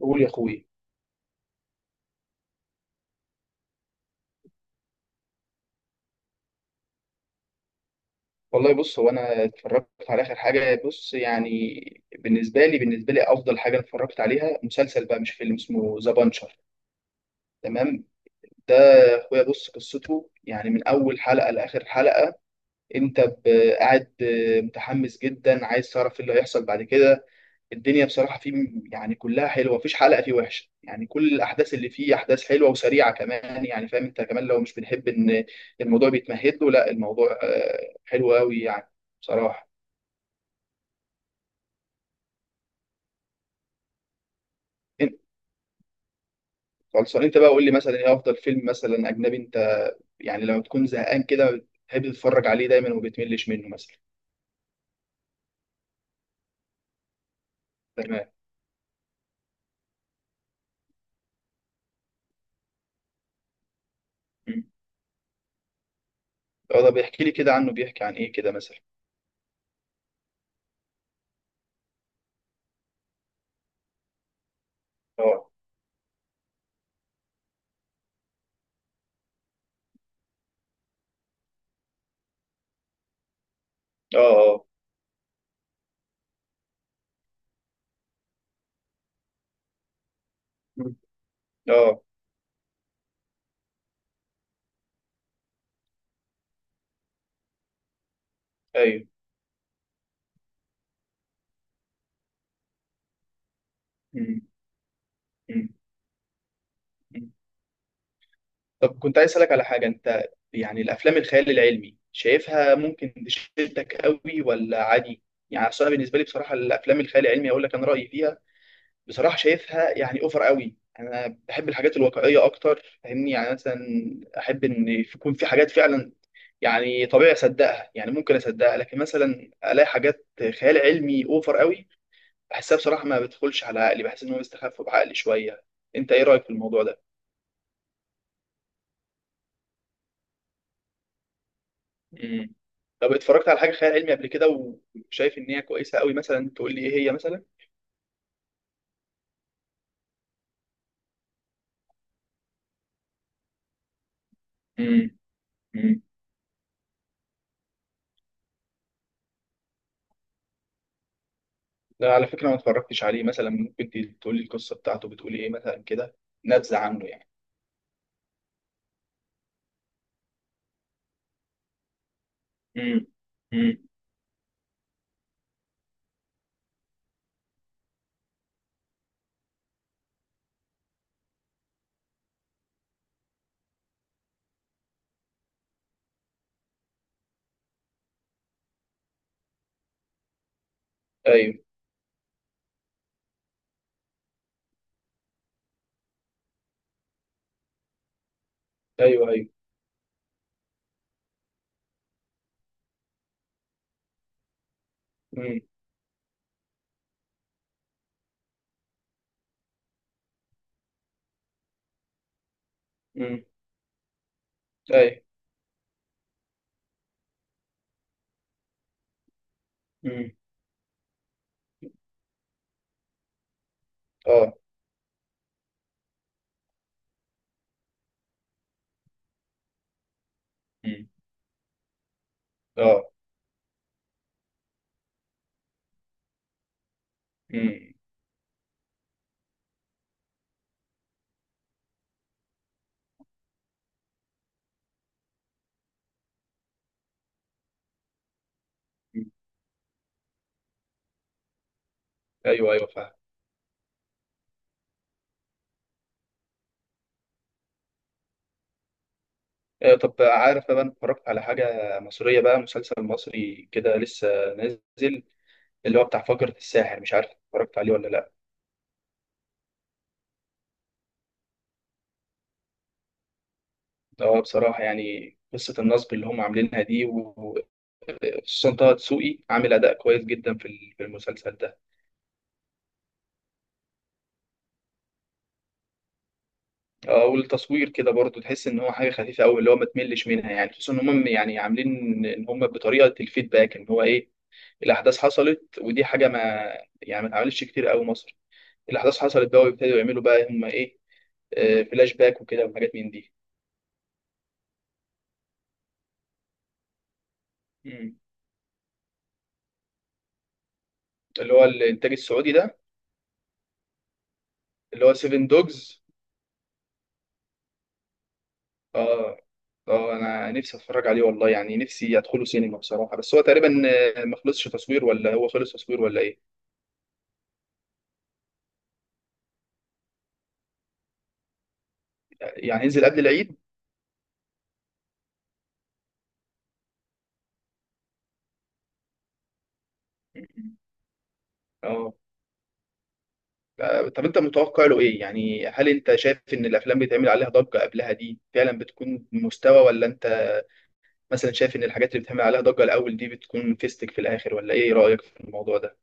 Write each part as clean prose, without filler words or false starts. قول يا اخويا. والله بص هو انا اتفرجت على اخر حاجه بص يعني. بالنسبه لي افضل حاجه أنا اتفرجت عليها مسلسل بقى مش فيلم اسمه ذا بانشر. تمام. ده اخويا بص قصته يعني من اول حلقه لاخر حلقه. انت ب- قاعد متحمس جدا، عايز تعرف ايه اللي هيحصل بعد كده. الدنيا بصراحة فيه يعني كلها حلوة، مفيش حلقة فيه وحشة يعني. كل الأحداث اللي فيه أحداث حلوة وسريعة كمان يعني، فاهم أنت كمان. لو مش بنحب إن الموضوع بيتمهد له لا، الموضوع حلو أوي يعني بصراحة. أنت خلصان أنت بقى، قول لي مثلا إيه أفضل فيلم مثلا أجنبي أنت يعني لما تكون زهقان كده بتحب تتفرج عليه دايما وبتملش منه مثلا. تمام. مم. اه، ده بيحكي لي كده عنه، بيحكي عن إيه كده مثلا؟ أه، أه، أه. مم. أه. أيوه. مم. مم. طب كنت عايز أسألك على حاجة أنت، يعني الأفلام الخيال العلمي شايفها ممكن تشدك قوي ولا عادي؟ يعني أصل أنا بالنسبة لي بصراحة الأفلام الخيال العلمي أقول لك أنا رأيي فيها بصراحة، شايفها يعني أوفر قوي. أنا بحب الحاجات الواقعية أكتر فاهمني، يعني مثلا أحب إن يكون في حاجات فعلا يعني طبيعي أصدقها. يعني ممكن أصدقها، لكن مثلا ألاقي حاجات خيال علمي أوفر قوي بحسها بصراحة ما بتدخلش على عقلي، بحس إن هو بيستخف بعقلي شوية. أنت إيه رأيك في الموضوع ده؟ مم. طب اتفرجت على حاجه خيال علمي قبل كده وشايف ان هي كويسه قوي مثلا؟ تقول لي ايه هي مثلا. مم. مم. لا على فكره ما اتفرجتش عليه. مثلا ممكن تقول لي القصه بتاعته بتقول ايه مثلا كده، نبذه عنه يعني. مم. مم. ايوه. ايوه. ايوه. امم. امم. ايوه. امم. اه. مم. اه. امم. ايوه ايوه فاهم. ايوه. طب عارف بقى، انا اتفرجت على حاجه مصريه بقى مسلسل مصري كده لسه نازل، اللي هو بتاع فجرة الساحر. مش عارف اتفرجت عليه ولا لا. اه بصراحة يعني قصة النصب اللي هم عاملينها دي، وخصوصا طه دسوقي عامل أداء كويس جدا في في المسلسل ده. اه والتصوير كده برضو تحس إن هو حاجة خفيفة أوي اللي هو ما تملش منها يعني. خصوصا إن هم يعني عاملين إن هم بطريقة الفيدباك، إن هو إيه، الأحداث حصلت، ودي حاجة ما يعني ما اتعملتش كتير أوي مصر. الأحداث حصلت بقى ويبتدوا يعملوا بقى هم إيه، فلاش باك وكده وحاجات من دي. مم. اللي هو الإنتاج السعودي ده، اللي هو سيفن دوجز. اه. اه انا نفسي اتفرج عليه والله يعني، نفسي ادخله سينما بصراحه. بس هو تقريبا ما خلصش تصوير، ولا هو خلص تصوير ولا ايه؟ يعني هينزل قبل العيد. اه. طب انت متوقع له ايه يعني؟ هل انت شايف ان الافلام بيتعمل عليها ضجه قبلها دي فعلا بتكون مستوى، ولا انت مثلا شايف ان الحاجات اللي بتعمل عليها ضجه الاول دي بتكون فيستك في الاخر؟ ولا ايه رايك في الموضوع ده؟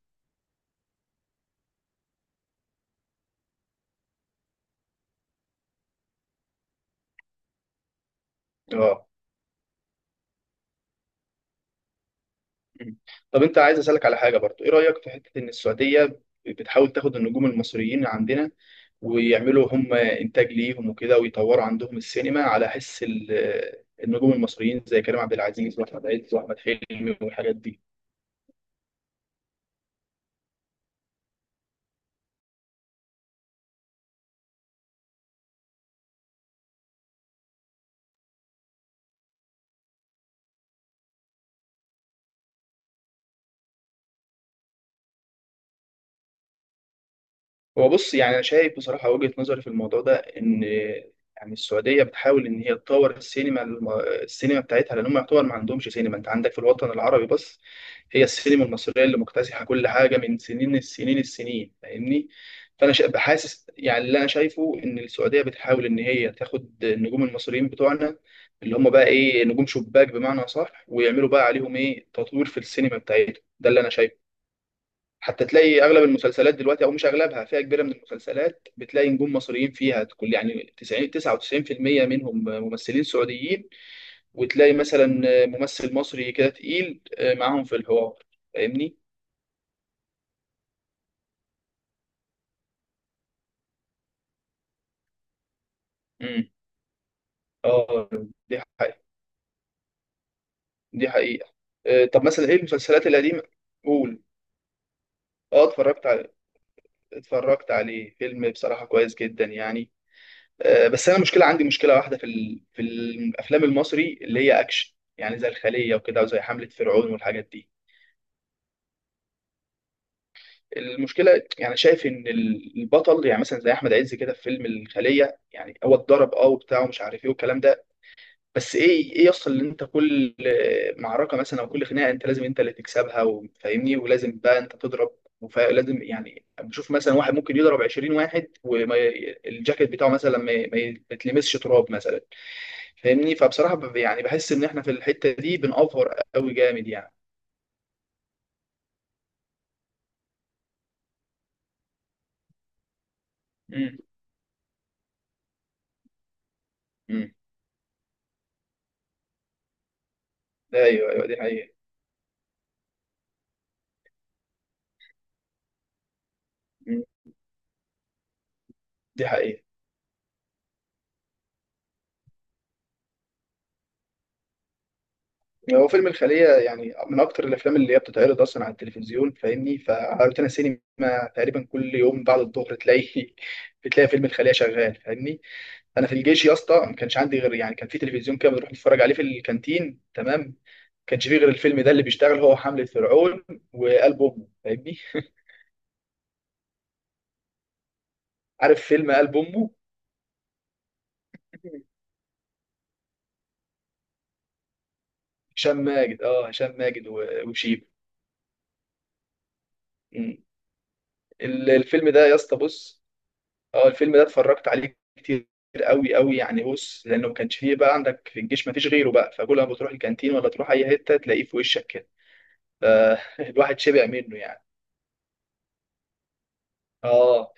اه. مم. طب انت عايز اسالك على حاجه برضو، ايه رايك في حته ان السعوديه بتحاول تاخد النجوم المصريين عندنا ويعملوا هم انتاج ليهم وكده، ويطوروا عندهم السينما على حس النجوم المصريين زي كريم عبد العزيز واحمد عز واحمد حلمي والحاجات دي؟ هو بص يعني انا شايف بصراحه وجهه نظري في الموضوع ده، ان يعني السعوديه بتحاول ان هي تطور السينما السينما بتاعتها، لان هم يعتبر ما عندهمش سينما. انت عندك في الوطن العربي بس هي السينما المصريه اللي مكتسحه كل حاجه من سنين السنين السنين، فاهمني. فانا بحاسس يعني، اللي انا شايفه ان السعوديه بتحاول ان هي تاخد النجوم المصريين بتوعنا، اللي هم بقى ايه، نجوم شباك بمعنى صح، ويعملوا بقى عليهم ايه، تطوير في السينما بتاعتهم. ده اللي انا شايفه. حتى تلاقي اغلب المسلسلات دلوقتي، او مش اغلبها، فئه كبيره من المسلسلات بتلاقي نجوم مصريين فيها، كل يعني 90 99% منهم ممثلين سعوديين. وتلاقي مثلا ممثل مصري كده تقيل معاهم في الحوار، فاهمني؟ امم. اه. دي حقيقة. دي حقيقة. طب مثلا ايه المسلسلات القديمة؟ قول. اه اتفرجت على، اتفرجت عليه. فيلم بصراحة كويس جدا يعني. بس انا مشكله، عندي مشكله واحده في في الافلام المصري اللي هي اكشن، يعني زي الخليه وكده وزي حمله فرعون والحاجات دي. المشكله يعني شايف ان البطل، يعني مثلا زي احمد عز كده في فيلم الخليه، يعني هو اتضرب اه وبتاع ومش عارف ايه والكلام ده، بس ايه، ايه يصل ان انت كل معركه مثلا، او كل خناقه انت لازم انت اللي تكسبها، وفاهمني، ولازم بقى انت تضرب. ولازم يعني بشوف مثلا واحد ممكن يضرب 20 واحد والجاكيت بتاعه مثلا ما يتلمسش تراب مثلا، فاهمني. فبصراحه يعني بحس ان احنا في الحته دي بنأفور قوي جامد يعني. امم. امم. ايوه ايوه دي حقيقه. مم. دي حقيقه. هو فيلم الخليه يعني من اكتر الافلام اللي هي بتتعرض اصلا على التلفزيون، فاهمني. فعلى روتانا سينما تقريبا كل يوم بعد الظهر تلاقي بتلاقي فيلم الخليه شغال، فاهمني. انا في الجيش يا اسطى ما كانش عندي غير، يعني كان في تلفزيون كده بنروح نتفرج عليه في الكانتين، تمام، ما كانش فيه غير الفيلم ده اللي بيشتغل، هو حمله فرعون وقلب امه، فاهمني. عارف فيلم قلب امه؟ هشام ماجد، اه هشام ماجد وشيب. مم. الفيلم ده يا اسطى بص، اه الفيلم ده اتفرجت عليه كتير قوي قوي يعني. بص لانه ما كانش فيه بقى عندك في الجيش، ما فيش غيره بقى، فكل ما بتروح الكانتين ولا تروح اي حته تلاقيه في وشك كده. فالواحد شبع منه يعني. اه.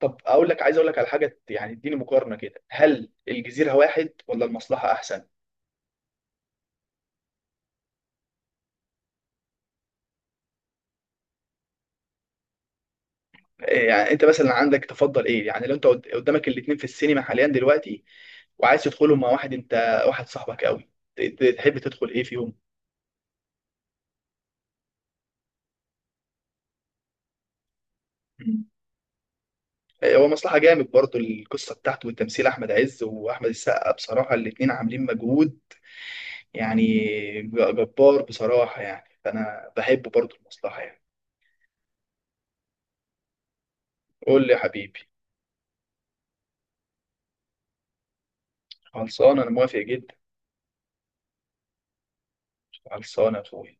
طب اقول لك، عايز اقول لك على حاجه، يعني اديني مقارنه كده، هل الجزيره واحد ولا المصلحه احسن؟ إيه يعني انت مثلا عندك تفضل ايه؟ يعني لو انت قدامك الاثنين في السينما حاليا دلوقتي، وعايز تدخلهم مع واحد انت، واحد صاحبك قوي، تحب تدخل ايه فيهم؟ مم. هو مصلحة جامد برضو، القصة بتاعته والتمثيل، أحمد عز وأحمد السقا بصراحة الاتنين عاملين مجهود يعني جبار بصراحة يعني. فأنا بحب برضو المصلحة يعني. قول لي يا حبيبي. خلصانة أنا موافق جدا. خلصانة يا أخويا.